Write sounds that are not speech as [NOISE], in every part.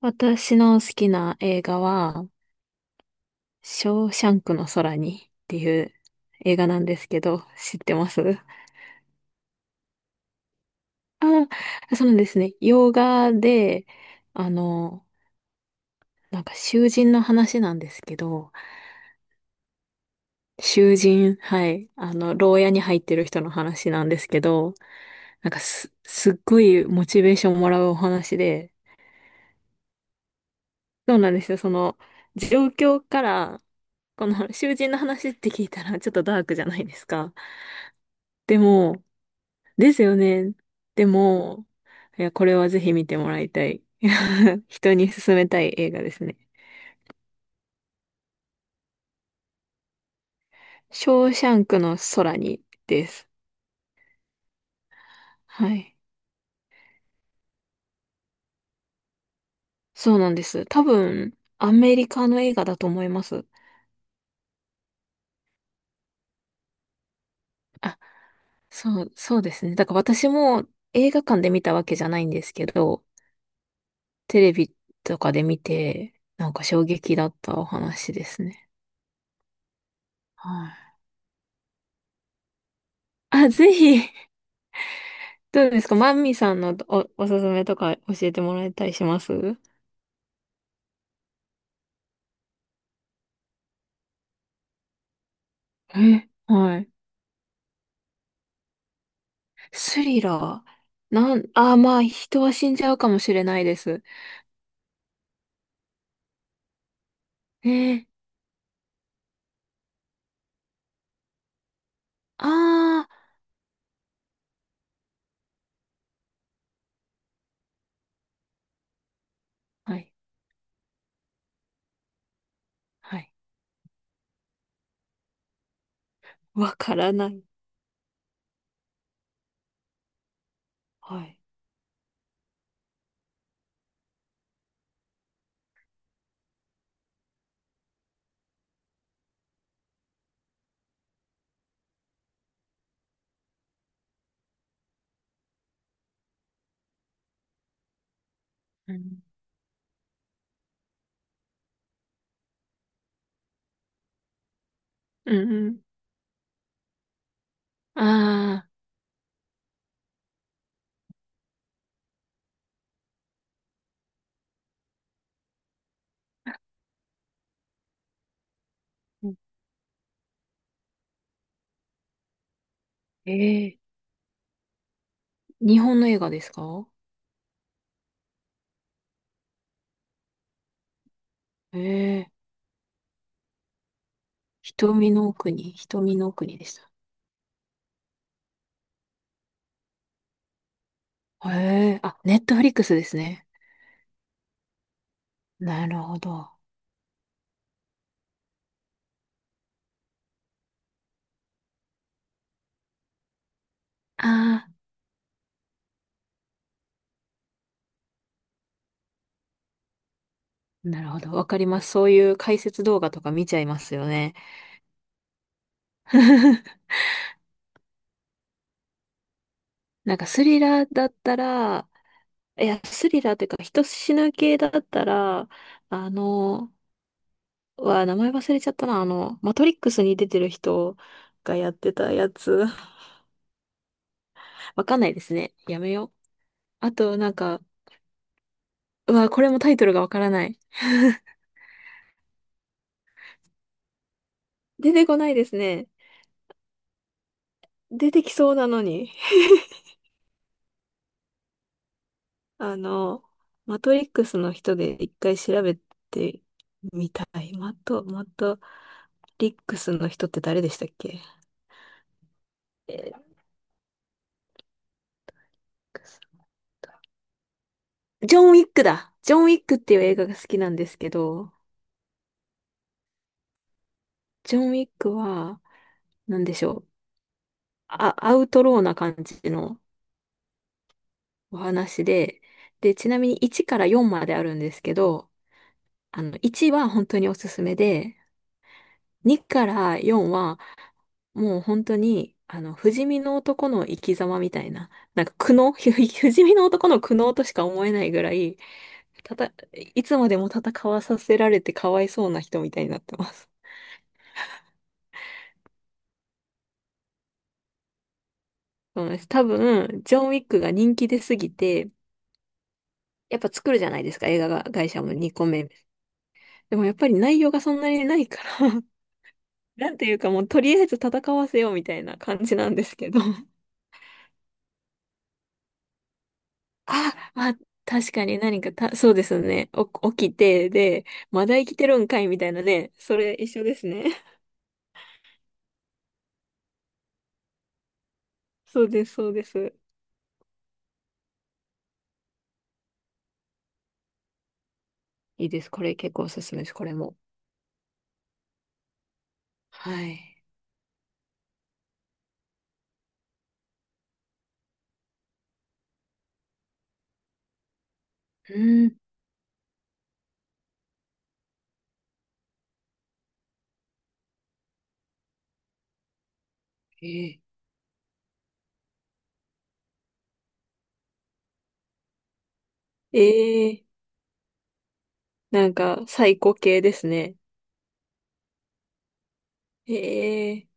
私の好きな映画は、ショーシャンクの空にっていう映画なんですけど、知ってます？ [LAUGHS] そうなんですね。洋画で、あの、なんか囚人の話なんですけど、はい、牢屋に入ってる人の話なんですけど、なんかすっごいモチベーションもらうお話で、そうなんですよ。状況から、この囚人の話って聞いたらちょっとダークじゃないですか。でも、ですよね。でも、いや、これはぜひ見てもらいたい。[LAUGHS] 人に勧めたい映画ですね。ショーシャンクの空にです。はい。そうなんです。多分、アメリカの映画だと思います。あ、そうですね。だから私も映画館で見たわけじゃないんですけど、テレビとかで見て、なんか衝撃だったお話ですね。はい。あ、ぜひ。どうですか？マミさんのおすすめとか教えてもらえたりします？え、はい。スリラー。なん、あー、まあ、人は死んじゃうかもしれないです。ええ、あはい、はい。わからない。はい。うん、うんうん。ああ、ええ、日本の映画ですか？ええ、瞳の奥にでした。ええ、あ、ネットフリックスですね。なるほど。あ、なるほど。わかります。そういう解説動画とか見ちゃいますよね。[LAUGHS] なんかスリラーだったら、いや、スリラーというか人死ぬ系だったら、あの、名前忘れちゃったな。マトリックスに出てる人がやってたやつ。[LAUGHS] わかんないですね。やめよう。あと、なんか、うわ、これもタイトルがわからない。出てこないですね。出てきそうなのに。あの、マトリックスの人で一回調べてみたい。マトリックスの人って誰でしたっけ？えージョン・ウィックだ。ジョン・ウィックっていう映画が好きなんですけど、ジョン・ウィックは、なんでしょう。あ、アウトローな感じのお話で、ちなみに1から4まであるんですけど、1は本当におすすめで、2から4はもう本当に、不死身の男の生き様みたいな、なんか苦悩、[LAUGHS] 不死身の男の苦悩としか思えないぐらい、たた、いつまでも戦わさせられてかわいそうな人みたいになってます。[LAUGHS] そうなんです。多分、ジョン・ウィックが人気出すぎて、やっぱ作るじゃないですか、映画が、会社も2個目。でもやっぱり内容がそんなにないから [LAUGHS] なんていうかもうとりあえず戦わせようみたいな感じなんですけど。あ、まあ、確かに何かた、そうですね。起きて、で、まだ生きてるんかいみたいなね。それ一緒ですね。[LAUGHS] そうです、そうです。いいです。これ結構おすすめです、これも。はい。うん。えー、えー、なんか、サイコ系ですね。ええー、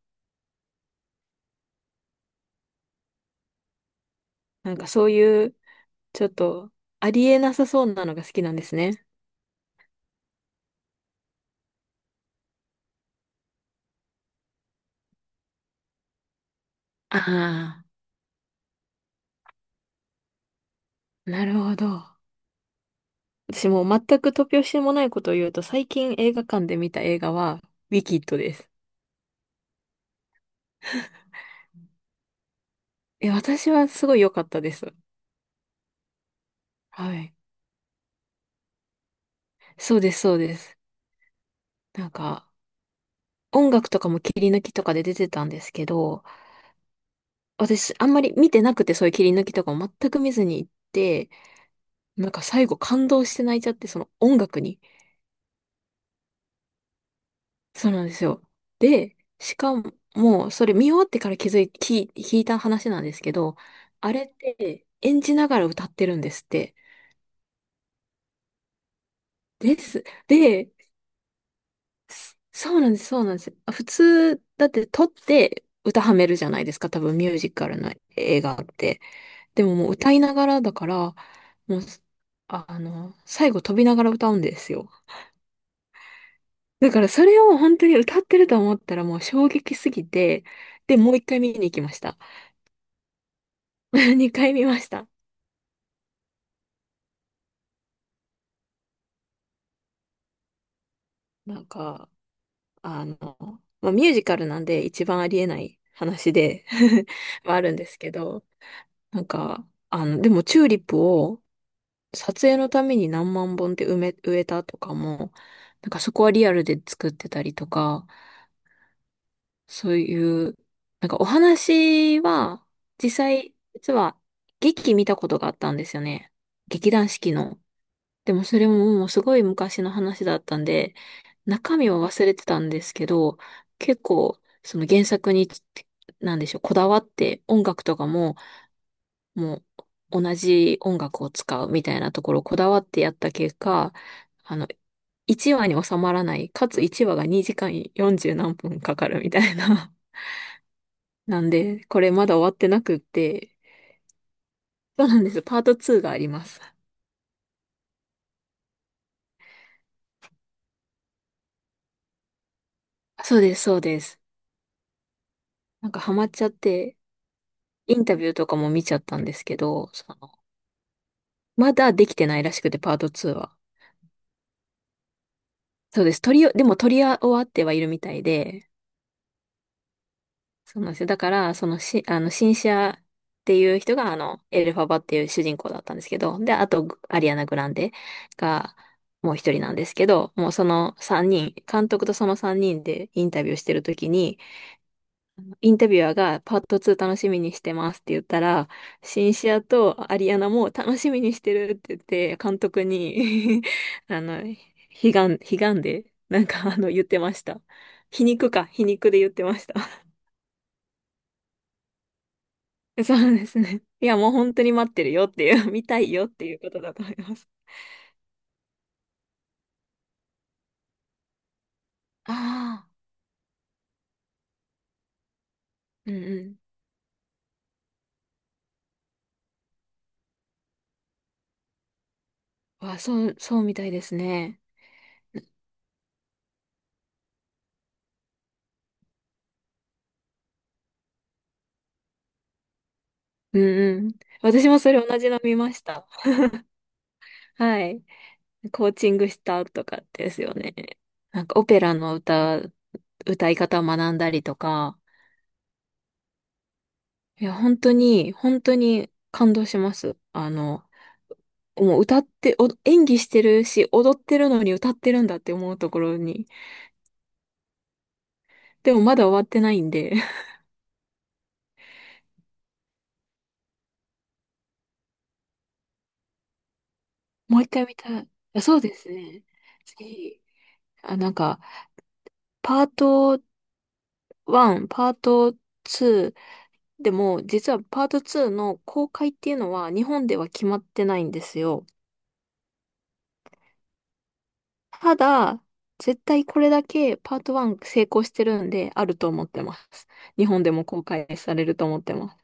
なんかそういう、ちょっと、ありえなさそうなのが好きなんですね。ああ、なるほど。私もう全く突拍子もないことを言うと、最近映画館で見た映画は、ウィキッドです。え、私はすごい良かったです。はい。そうです、そうです。なんか、音楽とかも切り抜きとかで出てたんですけど、私、あんまり見てなくて、そういう切り抜きとかも全く見ずに行って、なんか最後感動して泣いちゃって、その音楽に。そうなんですよ。で、しかも、それ見終わってから気づい、聞い、聞いた話なんですけど、あれって演じながら歌ってるんですって。です。で、すそうなんです、そうなんです。あ、普通、だって撮って歌はめるじゃないですか、多分ミュージカルの映画って。でももう歌いながらだから、もう、あ、最後飛びながら歌うんですよ。だからそれを本当に歌ってると思ったらもう衝撃すぎて、で、もう一回見に行きました。[LAUGHS] 二回見ました。なんか、あの、まあ、ミュージカルなんで一番ありえない話で [LAUGHS] はあるんですけど、なんか、でもチューリップを撮影のために何万本って植えたとかも、なんかそこはリアルで作ってたりとか、そういう、なんかお話は、実は劇見たことがあったんですよね。劇団四季の。でもそれももうすごい昔の話だったんで、中身は忘れてたんですけど、結構、その原作に、なんでしょう、こだわって音楽とかも、もう同じ音楽を使うみたいなところをこだわってやった結果、あの、1話に収まらない、かつ1話が2時間40何分かかるみたいな。[LAUGHS] なんで、これまだ終わってなくって、そうなんです。パート2があります。そうです、そうです。なんかハマっちゃって、インタビューとかも見ちゃったんですけど、その、まだできてないらしくて、パート2は。そうです。撮りよ、でも撮り終わってはいるみたいで、そうなんですよ。だから、そのし、あの、シンシアっていう人が、エルファバっていう主人公だったんですけど、で、あと、グアリアナ・グランデが、もう一人なんですけど、もうその三人、監督とその三人でインタビューしてるときに、インタビュアーがパート2楽しみにしてますって言ったら、シンシアとアリアナも楽しみにしてるって言って、監督に [LAUGHS] あの、悲悲願で、言ってました。皮肉で言ってました。そうですね。いや、もう本当に待ってるよっていう、[LAUGHS] 見たいよっていうことだと思います。ああ、うんうん。わ、そう、そうみたいですね。うんうん。私もそれ同じの見ました。はい。コーチングしたとかですよね。なんかオペラの歌い方を学んだりとか、いや、本当に、本当に感動します。もう歌って、お演技してるし、踊ってるのに歌ってるんだって思うところに、でもまだ終わってないんで、もう一回見たい。あ、そうですね。次、あ、なんか、パート1、パート2、でも、実はパート2の公開っていうのは日本では決まってないんですよ。ただ、絶対これだけパート1成功してるんで、あると思ってます。日本でも公開されると思ってます。